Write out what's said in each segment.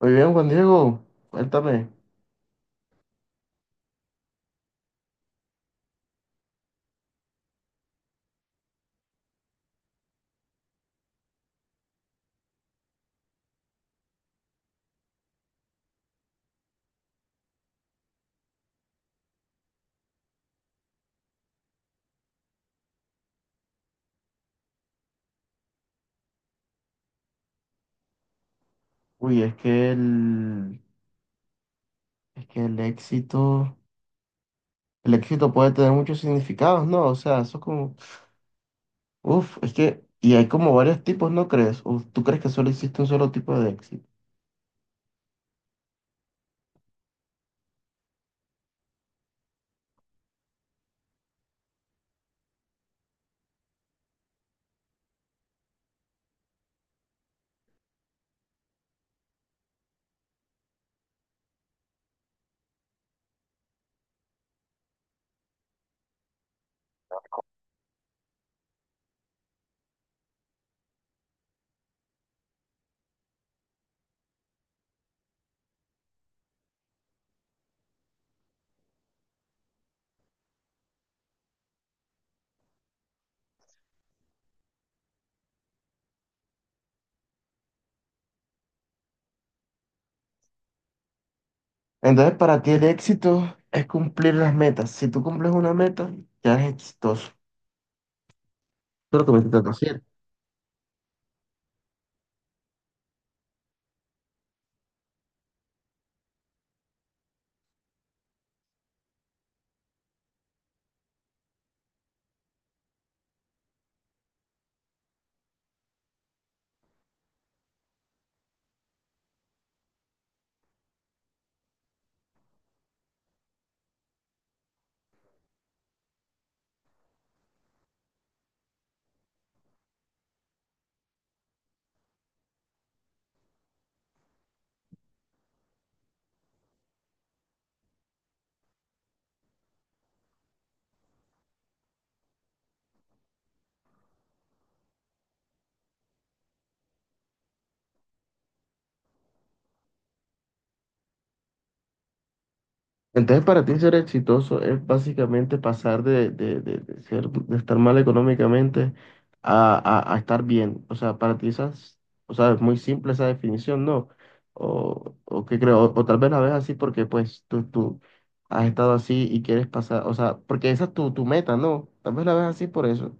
Muy bien, Juan Diego, cuéntame. Uy, es que el éxito puede tener muchos significados, ¿no? O sea, eso es como, es que, y hay como varios tipos, ¿no crees? ¿O tú crees que solo existe un solo tipo de éxito? Entonces, para ti el éxito es cumplir las metas. Si tú cumples una meta, ya eres exitoso. Eso es lo que me intentas decir. Entonces, para ti ser exitoso es básicamente pasar de estar mal económicamente a estar bien. O sea, o sea, es muy simple esa definición, ¿no? O qué creo, o tal vez la ves así porque pues tú has estado así y quieres pasar, o sea, porque esa es tu meta, ¿no? Tal vez la ves así por eso.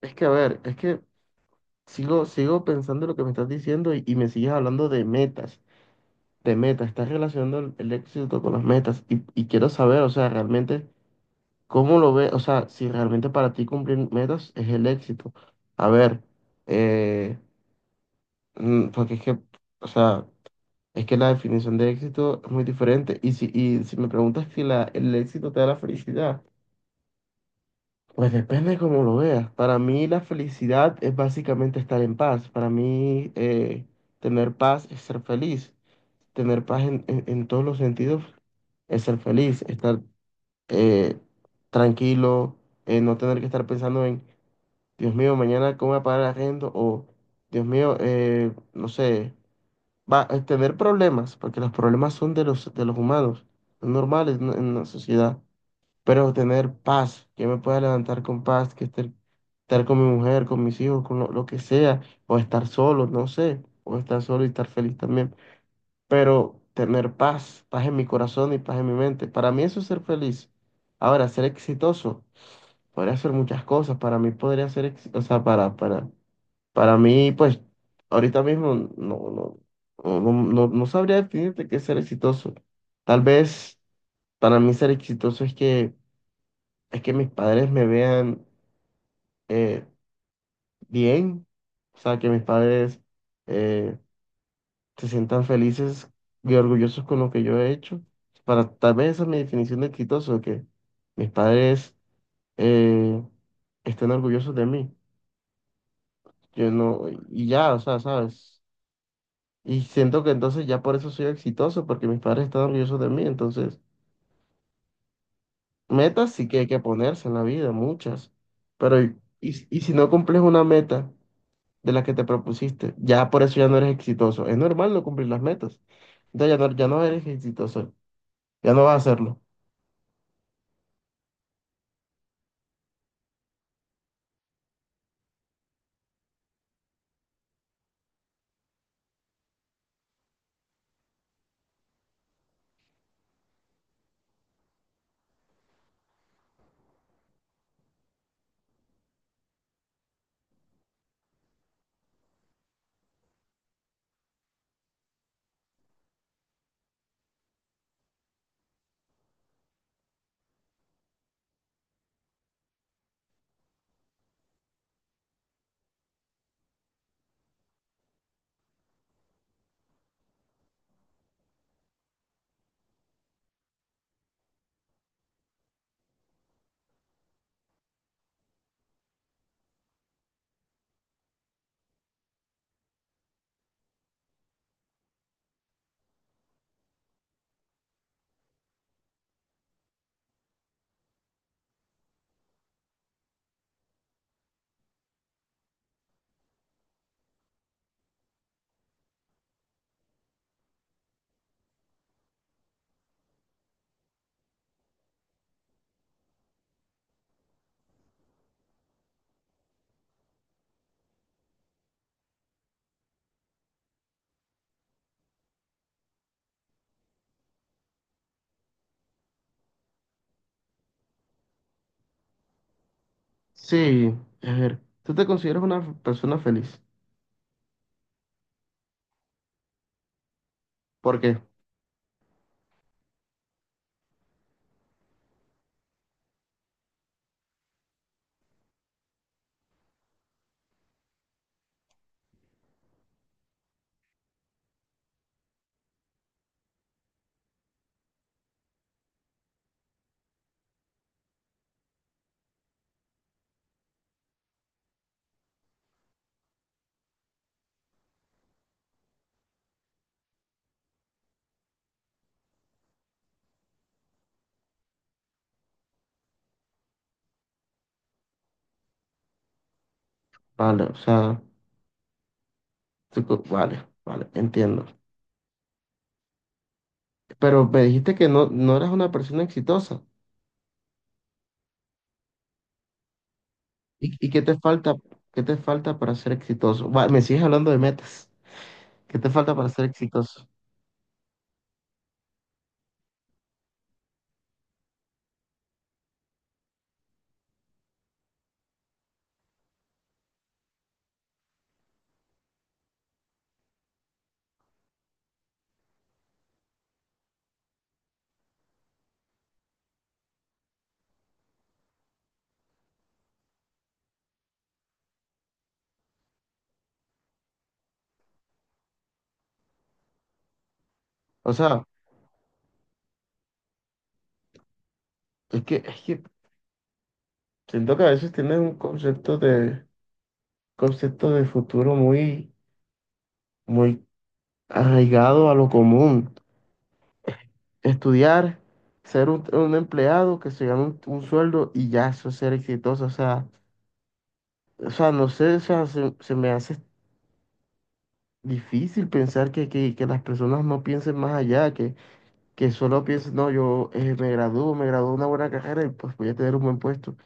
Es que, a ver, es que sigo pensando lo que me estás diciendo y me sigues hablando de metas. De metas, estás relacionando el éxito con las metas y quiero saber, o sea, realmente, ¿cómo lo ves? O sea, si realmente para ti cumplir metas es el éxito. A ver, eh, porque es que, o sea, es que la definición de éxito es muy diferente y si me preguntas si el éxito te da la felicidad, pues depende de cómo lo veas. Para mí la felicidad es básicamente estar en paz. Para mí tener paz es ser feliz. Tener paz en todos los sentidos es ser feliz, estar eh, tranquilo, no tener que estar pensando en Dios mío, mañana cómo voy a pagar el arriendo, o Dios mío, no sé, va a tener problemas, porque los problemas son de los humanos, son normales en la sociedad, pero tener paz, que me pueda levantar con paz, que estar con mi mujer, con mis hijos, con lo que sea, o estar solo, no sé, o estar solo y estar feliz también, pero tener paz, paz en mi corazón y paz en mi mente. Para mí eso es ser feliz. Ahora, ser exitoso podría ser muchas cosas. Para mí podría ser, o sea, para mí, pues, ahorita mismo no sabría definirte qué es ser exitoso. Tal vez para mí ser exitoso es que mis padres me vean eh, bien. O sea, que mis padres eh, se sientan felices y orgullosos con lo que yo he hecho. Tal vez esa es mi definición de exitoso, que mis padres eh, estén orgullosos de mí. Yo no, y ya, o sea, ¿sabes? Y siento que entonces ya por eso soy exitoso, porque mis padres están orgullosos de mí. Entonces, metas sí que hay que ponerse en la vida, muchas. Pero y si no cumples una meta de la que te propusiste, ya por eso ya no eres exitoso. Es normal no cumplir las metas. Entonces ya no eres exitoso, ya no vas a hacerlo. Sí, a ver, ¿tú te consideras una persona feliz? ¿Por qué? Vale, o sea, vale, vale, entiendo. Pero me dijiste que no eras una persona exitosa. ¿Y, qué te falta para ser exitoso? Va, me sigues hablando de metas. ¿Qué te falta para ser exitoso? O sea, es que siento que a veces tienes un concepto de, futuro muy, muy arraigado a lo común. Estudiar, ser un empleado que se gane un sueldo y ya eso es ser exitoso. o sea, no sé, o sea, se me hace difícil pensar que, que las personas no piensen más allá, que, solo piensen, no, yo me gradúo de una buena carrera y pues voy a tener un buen puesto.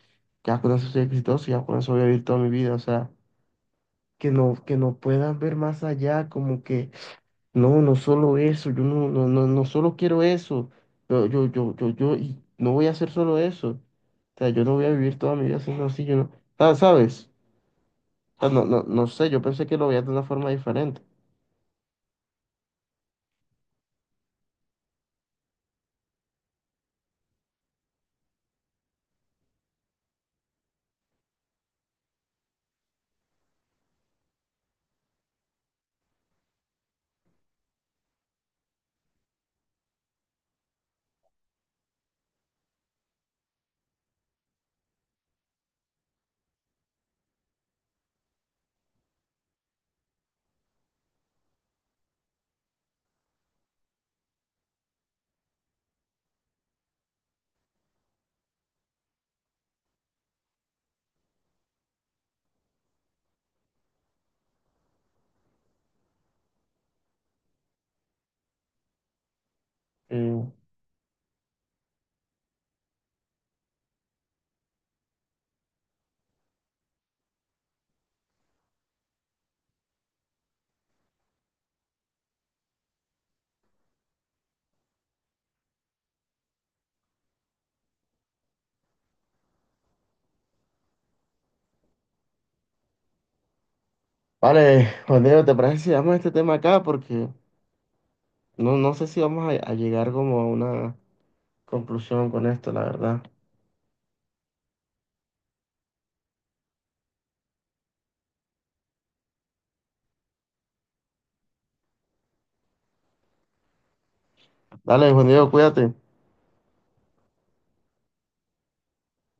Ya con eso soy exitoso, ya con eso voy a vivir toda mi vida. O sea, que no puedan ver más allá, como que no, no solo eso. Yo no solo quiero eso, yo y no voy a hacer solo eso. O sea, yo no voy a vivir toda mi vida haciendo así, yo no, ¿sabes? Ah, no, no, no sé, yo pensé que lo veía de una forma diferente. Eh, vale, Juan Diego, ¿te parece si damos este tema acá? Porque no, no sé si vamos a llegar como a una conclusión con esto, la verdad. Dale, Juan Diego, cuídate.